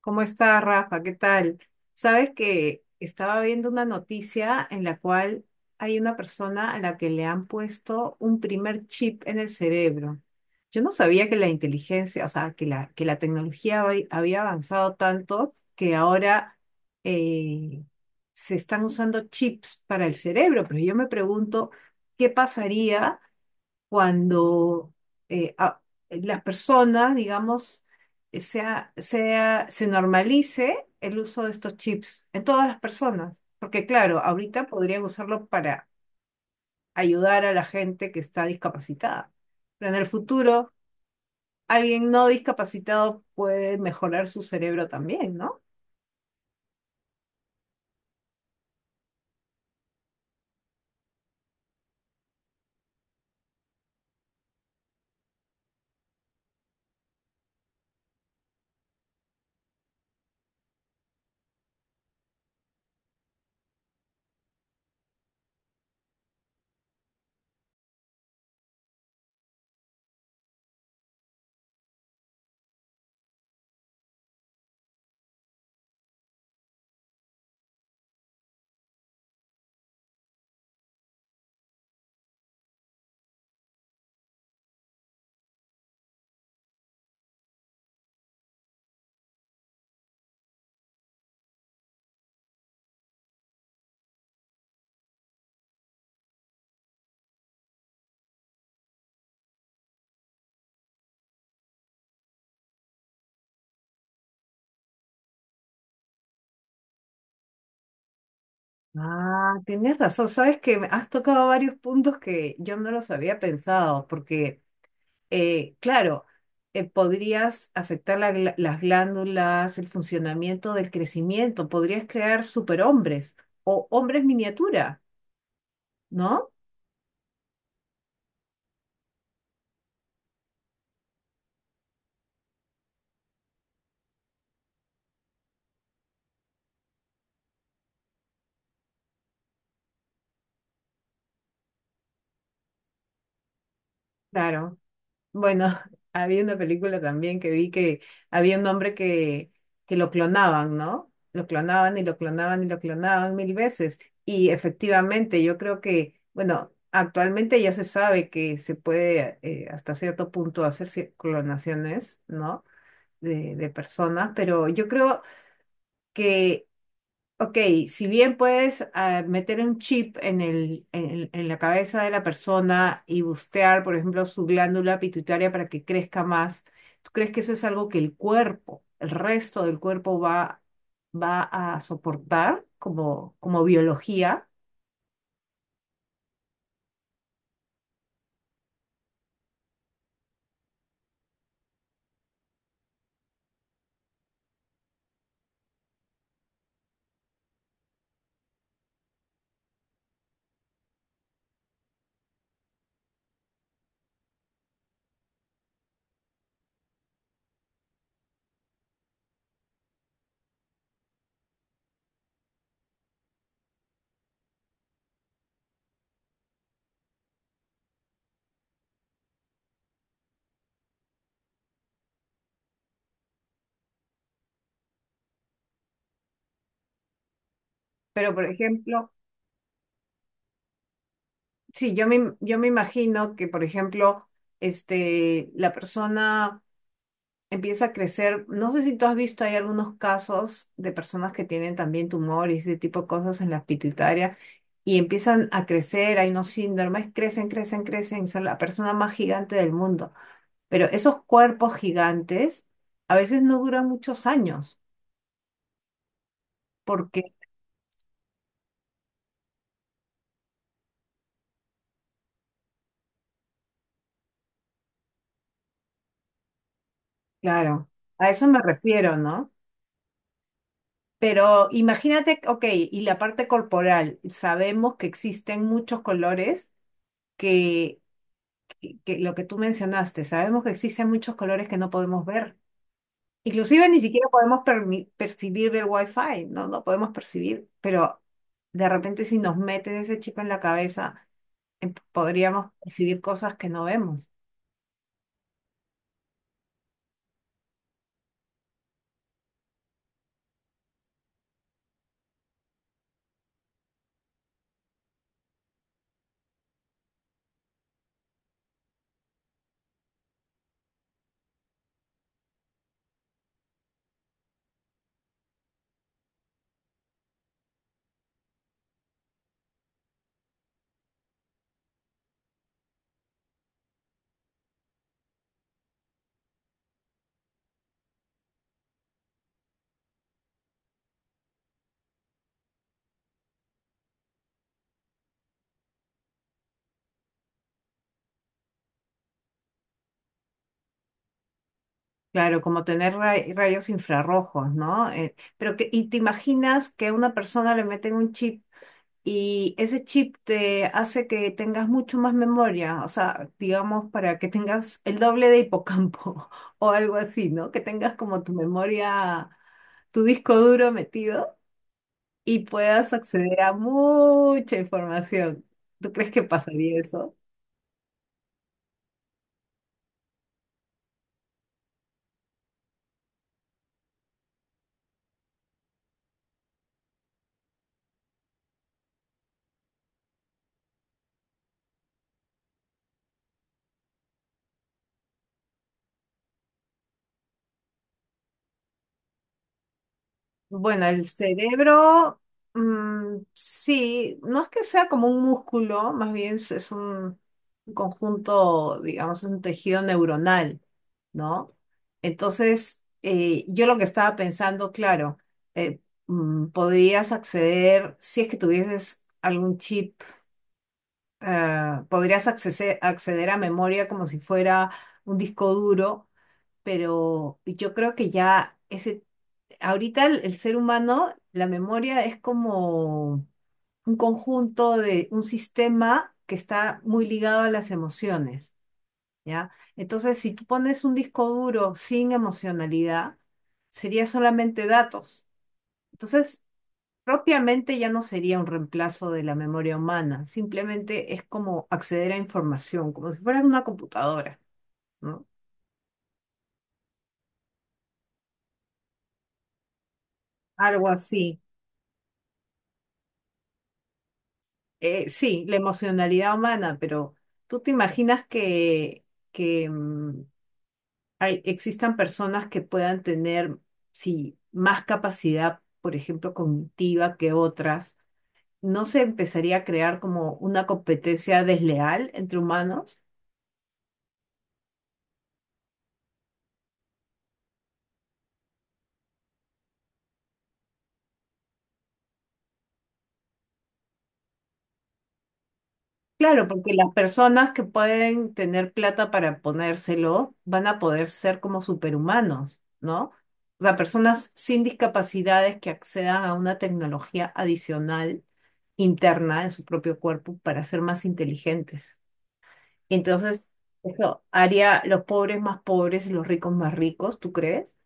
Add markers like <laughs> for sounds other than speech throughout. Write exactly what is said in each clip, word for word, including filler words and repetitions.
¿Cómo estás, Rafa? ¿Qué tal? Sabes que estaba viendo una noticia en la cual hay una persona a la que le han puesto un primer chip en el cerebro. Yo no sabía que la inteligencia, o sea, que la, que la tecnología había había avanzado tanto que ahora eh, se están usando chips para el cerebro, pero yo me pregunto, ¿qué pasaría cuando eh, a- las personas, digamos, eh, sea, sea, se normalice el uso de estos chips en todas las personas? Porque claro, ahorita podrían usarlo para ayudar a la gente que está discapacitada, pero en el futuro alguien no discapacitado puede mejorar su cerebro también, ¿no? Ah, tienes razón. Sabes que me has tocado varios puntos que yo no los había pensado, porque eh, claro, eh, podrías afectar la gla- las glándulas, el funcionamiento del crecimiento, podrías crear superhombres o hombres miniatura, ¿no? Claro. Bueno, <laughs> había una película también que vi que había un hombre que, que lo clonaban, ¿no? Lo clonaban y lo clonaban y lo clonaban mil veces. Y efectivamente, yo creo que, bueno, actualmente ya se sabe que se puede eh, hasta cierto punto hacer ci- clonaciones, ¿no? de, de personas, pero yo creo que, ok, si bien puedes ah, meter un chip en el, en, el- en la cabeza de la persona y bustear, por ejemplo, su glándula pituitaria para que crezca más, ¿tú crees que eso es algo que el cuerpo, el resto del cuerpo va, va a soportar como, como biología? Pero, por ejemplo, sí, yo me, yo me imagino que, por ejemplo, este, la persona empieza a crecer. No sé si tú has visto, hay algunos casos de personas que tienen también tumor y ese tipo de cosas en la pituitaria y empiezan a crecer, hay unos síndromes, crecen, crecen, crecen, son la persona más gigante del mundo. Pero esos cuerpos gigantes a veces no duran muchos años, porque, claro, a eso me refiero, ¿no? Pero imagínate, ok, y la parte corporal, sabemos que existen muchos colores que que que lo que tú mencionaste, sabemos que existen muchos colores que no podemos ver. Inclusive ni siquiera podemos permi- percibir el wifi, no, no podemos percibir, pero de repente si nos meten ese chip en la cabeza, em, podríamos percibir cosas que no vemos. Claro, como tener ray- rayos infrarrojos, ¿no? Eh, pero que, y te imaginas que a una persona le meten un chip. Y ese chip te hace que tengas mucho más memoria, o sea, digamos, para que tengas el doble de hipocampo <laughs> o algo así, ¿no? Que tengas como tu memoria, tu disco duro metido y puedas acceder a mucha información. ¿Tú crees que pasaría eso? Bueno, el cerebro, mm, sí, no es que sea como un músculo, más bien es es un un conjunto, digamos, es un tejido neuronal, ¿no? Entonces, eh, yo lo que estaba pensando, claro, eh, mm, podrías acceder, si es que tuvieses algún chip, ah, podrías accese- acceder a memoria como si fuera un disco duro, pero yo creo que ya... Ese ahorita el, el ser humano, la memoria es como un conjunto de un sistema que está muy ligado a las emociones, ¿ya? Entonces, si tú pones un disco duro sin emocionalidad, sería solamente datos. Entonces, propiamente ya no sería un reemplazo de la memoria humana, simplemente es como acceder a información, como si fueras una computadora, ¿no? Algo así. Eh, sí, la emocionalidad humana, pero ¿tú te imaginas que, que mm, hay- existan personas que puedan tener, sí, más capacidad, por ejemplo, cognitiva que otras? ¿No se empezaría a crear como una competencia desleal entre humanos? Claro, porque las personas que pueden tener plata para ponérselo van a poder ser como superhumanos, ¿no? O sea, personas sin discapacidades que accedan a una tecnología adicional interna en su propio cuerpo para ser más inteligentes. Entonces, eso haría los pobres más pobres y los ricos más ricos, ¿tú crees?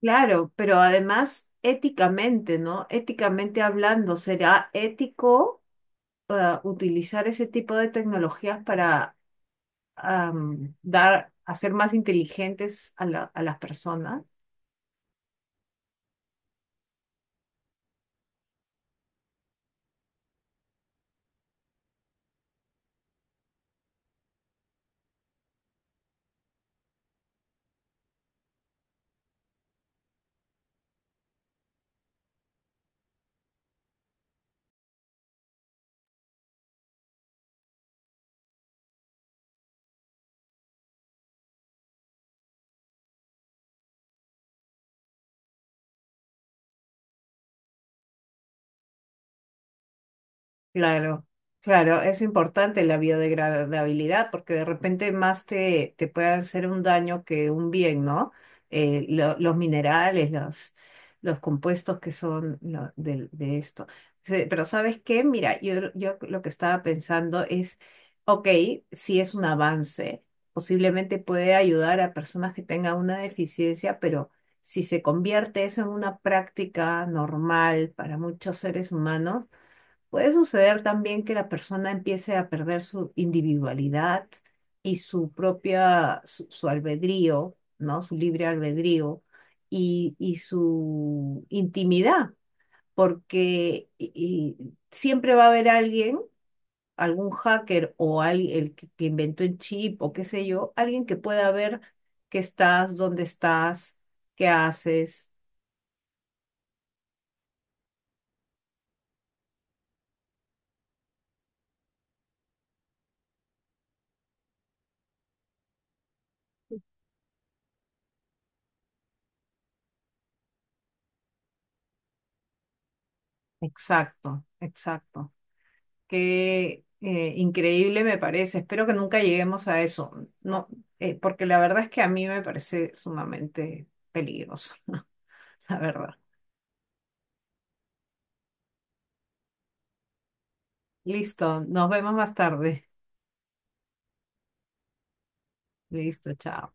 Claro, pero además éticamente, ¿no? Éticamente hablando, ¿será ético eh, utilizar ese tipo de tecnologías para am, dar, hacer más inteligentes a la- a las personas? Claro, claro, es importante la biodegradabilidad porque de repente más te, te puede hacer un daño que un bien, ¿no? Eh, lo- los minerales, los, los compuestos que son lo- del- de, esto. Se- Pero ¿sabes qué? Mira, yo, yo lo que estaba pensando es, ok, si es un avance, posiblemente puede ayudar a personas que tengan una deficiencia, pero si se convierte eso en una práctica normal para muchos seres humanos, puede suceder también que la persona empiece a perder su individualidad y su propia, su, su albedrío, ¿no? Su libre albedrío y, y su intimidad, porque y- y siempre va a haber alguien, algún hacker o al- el que, que inventó el chip o qué sé yo, alguien que pueda ver que estás, dónde estás, qué haces. Exacto, exacto. Qué eh, increíble me parece. Espero que nunca lleguemos a eso. No, eh, porque la verdad es que a mí me parece sumamente peligroso, <laughs> la verdad. Listo, nos vemos más tarde. Listo, chao.